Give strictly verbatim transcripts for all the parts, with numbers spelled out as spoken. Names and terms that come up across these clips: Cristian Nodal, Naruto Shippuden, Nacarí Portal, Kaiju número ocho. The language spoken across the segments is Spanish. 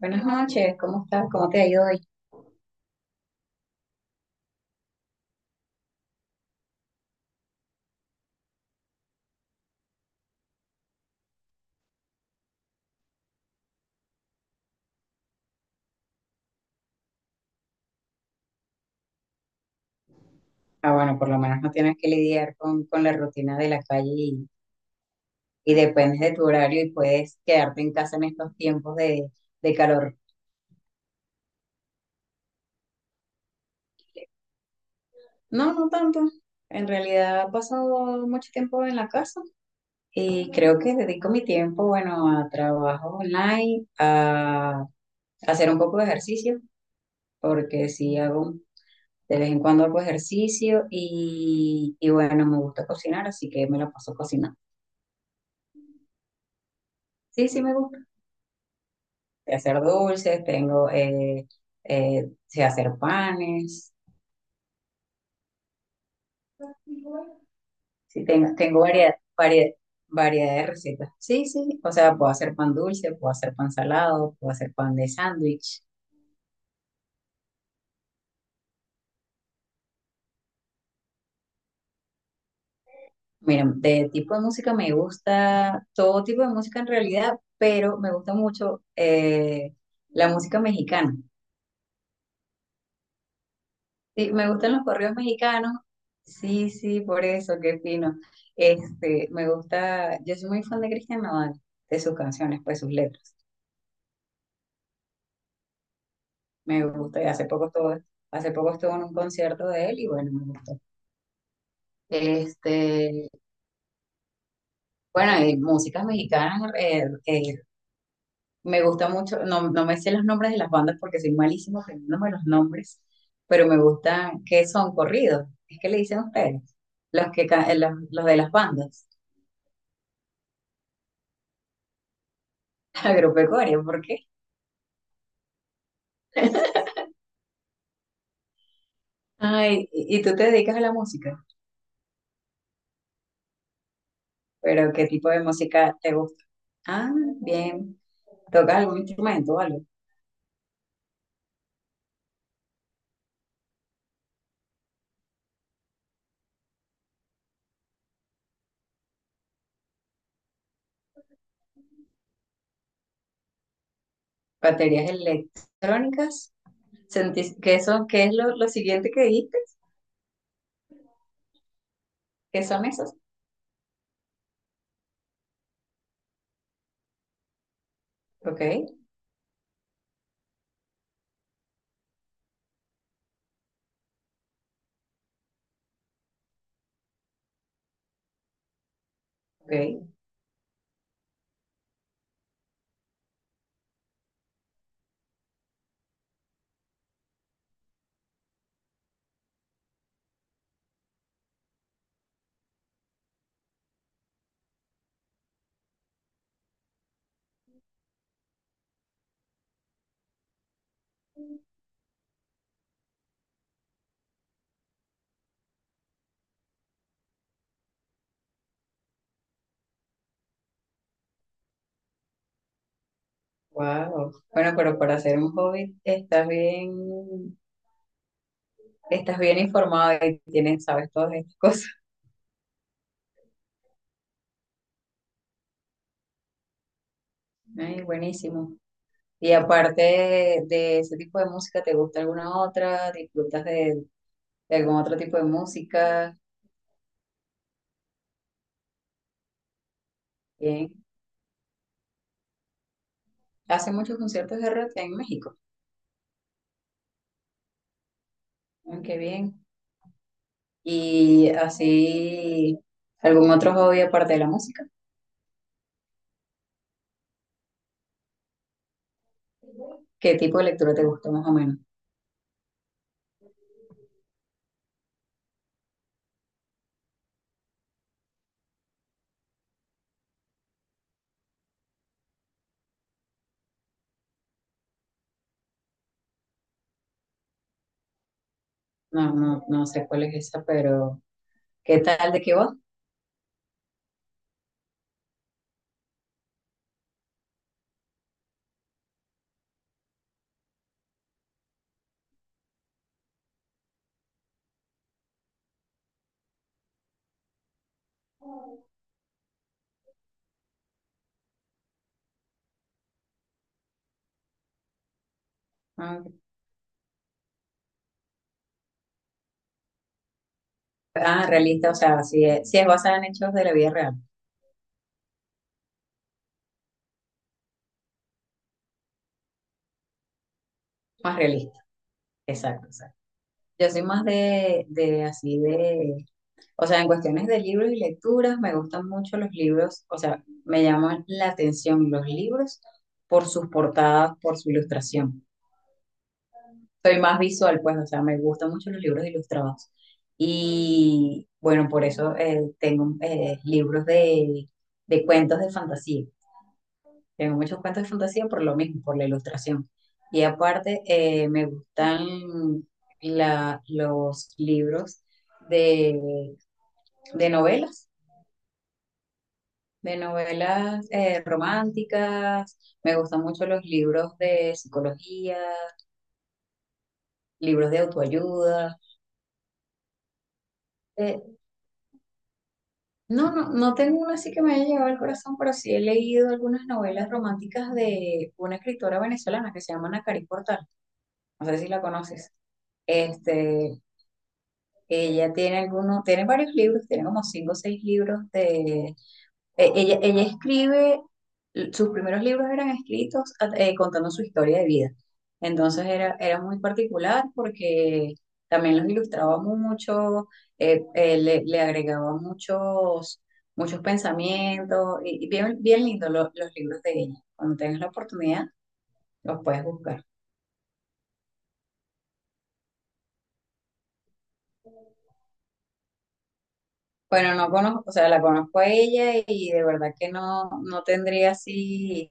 Buenas noches, ¿cómo estás? ¿Cómo te ha ido hoy? Ah, bueno, por lo menos no tienes que lidiar con, con la rutina de la calle y, y dependes de tu horario y puedes quedarte en casa en estos tiempos de, de calor. No, no tanto. En realidad he pasado mucho tiempo en la casa y creo que dedico mi tiempo, bueno, a trabajo online, a hacer un poco de ejercicio, porque sí hago de vez en cuando hago ejercicio y, y bueno, me gusta cocinar, así que me la paso cocinando. Sí, sí me gusta. De hacer dulces, tengo, eh, eh, sé hacer panes, sí, tengo, tengo variedad, variedad, variedad de recetas. Sí, sí, o sea, puedo hacer pan dulce, puedo hacer pan salado, puedo hacer pan de sándwich. Mira, de tipo de música me gusta todo tipo de música en realidad, pero me gusta mucho eh, la música mexicana. Sí, me gustan los corridos mexicanos. Sí, sí, por eso, qué fino. Este, me gusta, yo soy muy fan de Cristian Nodal, de sus canciones, pues sus letras. Me gusta, y hace poco estuve, hace poco estuve en un concierto de él y bueno, me gustó. Este, bueno, y músicas mexicanas, eh, eh, me gusta mucho, no, no me sé los nombres de las bandas porque soy malísimo aprendiéndome los nombres, pero me gustan, ¿que son corridos? Es que le dicen ustedes, los que, ca- los, los de las bandas. Agropecuario, porque ay, y y tú te dedicas a la música, pero ¿qué tipo de música te gusta? Ah, bien. ¿Tocas algún instrumento o algo? ¿Baterías electrónicas? ¿Sentís que eso, qué es lo, lo siguiente que dijiste? ¿Qué son esas? Ok, ok, wow. Bueno, pero para hacer un hobby estás bien, estás bien informado y tienes, sabes todas estas cosas. Ay, buenísimo. Y aparte de ese tipo de música, ¿te gusta alguna otra? ¿Disfrutas de, de algún otro tipo de música? Bien. Hace muchos conciertos de rock en México. Mm, qué bien. Y así, ¿algún otro hobby aparte de la música? ¿Qué tipo de lectura te gusta más o menos? No, no, no sé cuál es esa, pero ¿qué tal de qué va? Ah, ah, realista, o sea, ¿si es, si es basada en hechos de la vida real, más realista? Exacto, exacto. Yo soy más de, de así de, o sea, en cuestiones de libros y lecturas, me gustan mucho los libros, o sea, me llaman la atención los libros por sus portadas, por su ilustración. Soy más visual, pues, o sea, me gustan mucho los libros ilustrados. Y bueno, por eso eh, tengo eh, libros de, de cuentos de fantasía. Tengo muchos cuentos de fantasía por lo mismo, por la ilustración. Y aparte, eh, me gustan la- los libros de, de novelas, de novelas eh, románticas. Me gustan mucho los libros de psicología, libros de autoayuda. Eh, No, no, no tengo una así que me haya llegado al corazón, pero sí he leído algunas novelas románticas de una escritora venezolana que se llama Nacarí Portal. No sé si la conoces. Este, ella tiene algunos, tiene varios libros, tiene como cinco o seis libros de eh, ella, ella escribe, sus primeros libros eran escritos eh, contando su historia de vida. Entonces era, era muy particular porque también los ilustraba mucho, eh, eh, le, le agregaba muchos, muchos pensamientos y, y bien, bien lindo lo- los libros de ella. Cuando tengas la oportunidad, los puedes buscar. Bueno, no conozco, o sea, la conozco a ella y de verdad que no, no tendría así,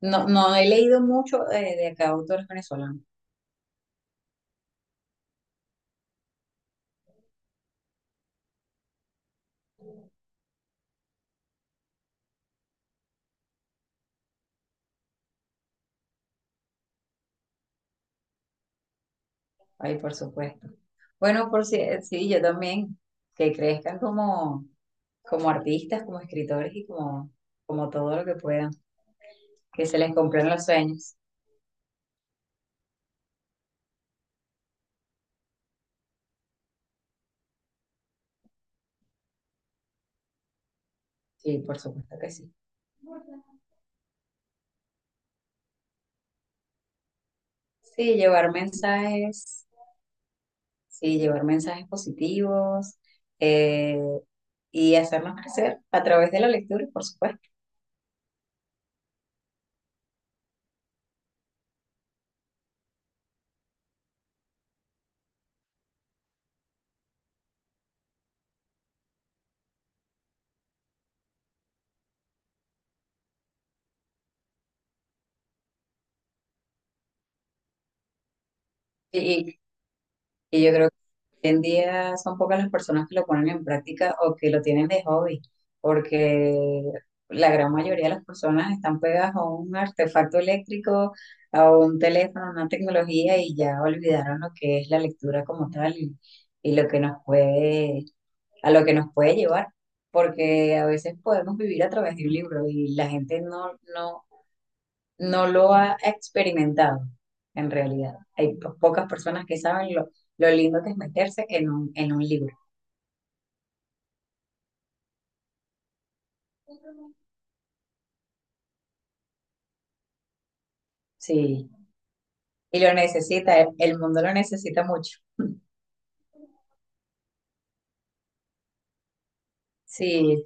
no, no he leído mucho eh, de acá autores venezolanos. Ay, por supuesto. Bueno, por si, sí, yo también, que crezcan como, como artistas, como escritores y como, como todo lo que puedan, que se les cumplan los sueños. Sí, por supuesto que sí. Sí, llevar mensajes, sí, llevar mensajes positivos eh, y hacernos crecer a través de la lectura, por supuesto. Y, y yo creo hoy en día son pocas las personas que lo ponen en práctica o que lo tienen de hobby, porque la gran mayoría de las personas están pegadas a un artefacto eléctrico, a un teléfono, a una tecnología y ya olvidaron lo que es la lectura como tal y, y lo que nos puede, a lo que nos puede llevar, porque a veces podemos vivir a través de un libro y la gente no, no no lo ha experimentado en realidad. Hay po- pocas personas que saben lo, lo lindo que es meterse en un, en un libro. Sí, y lo necesita, el, el mundo lo necesita mucho. Sí,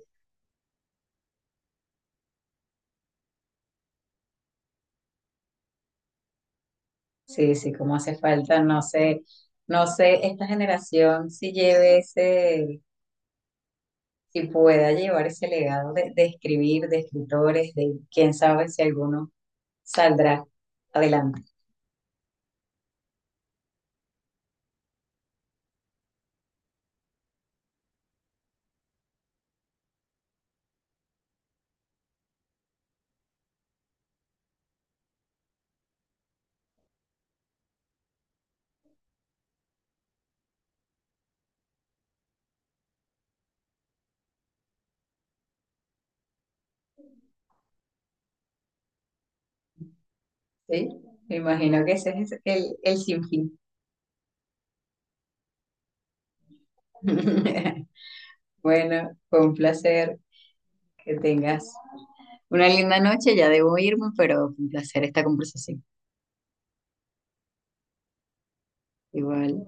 sí, sí, como hace falta, no sé, no sé, esta generación si lleve ese, si pueda llevar ese legado de, de escribir, de escritores, de quién sabe si alguno saldrá adelante. Sí, me imagino que ese es el, el sinfín. Bueno, fue un placer que tengas una linda noche. Ya debo irme, pero fue un placer esta conversación. Igual.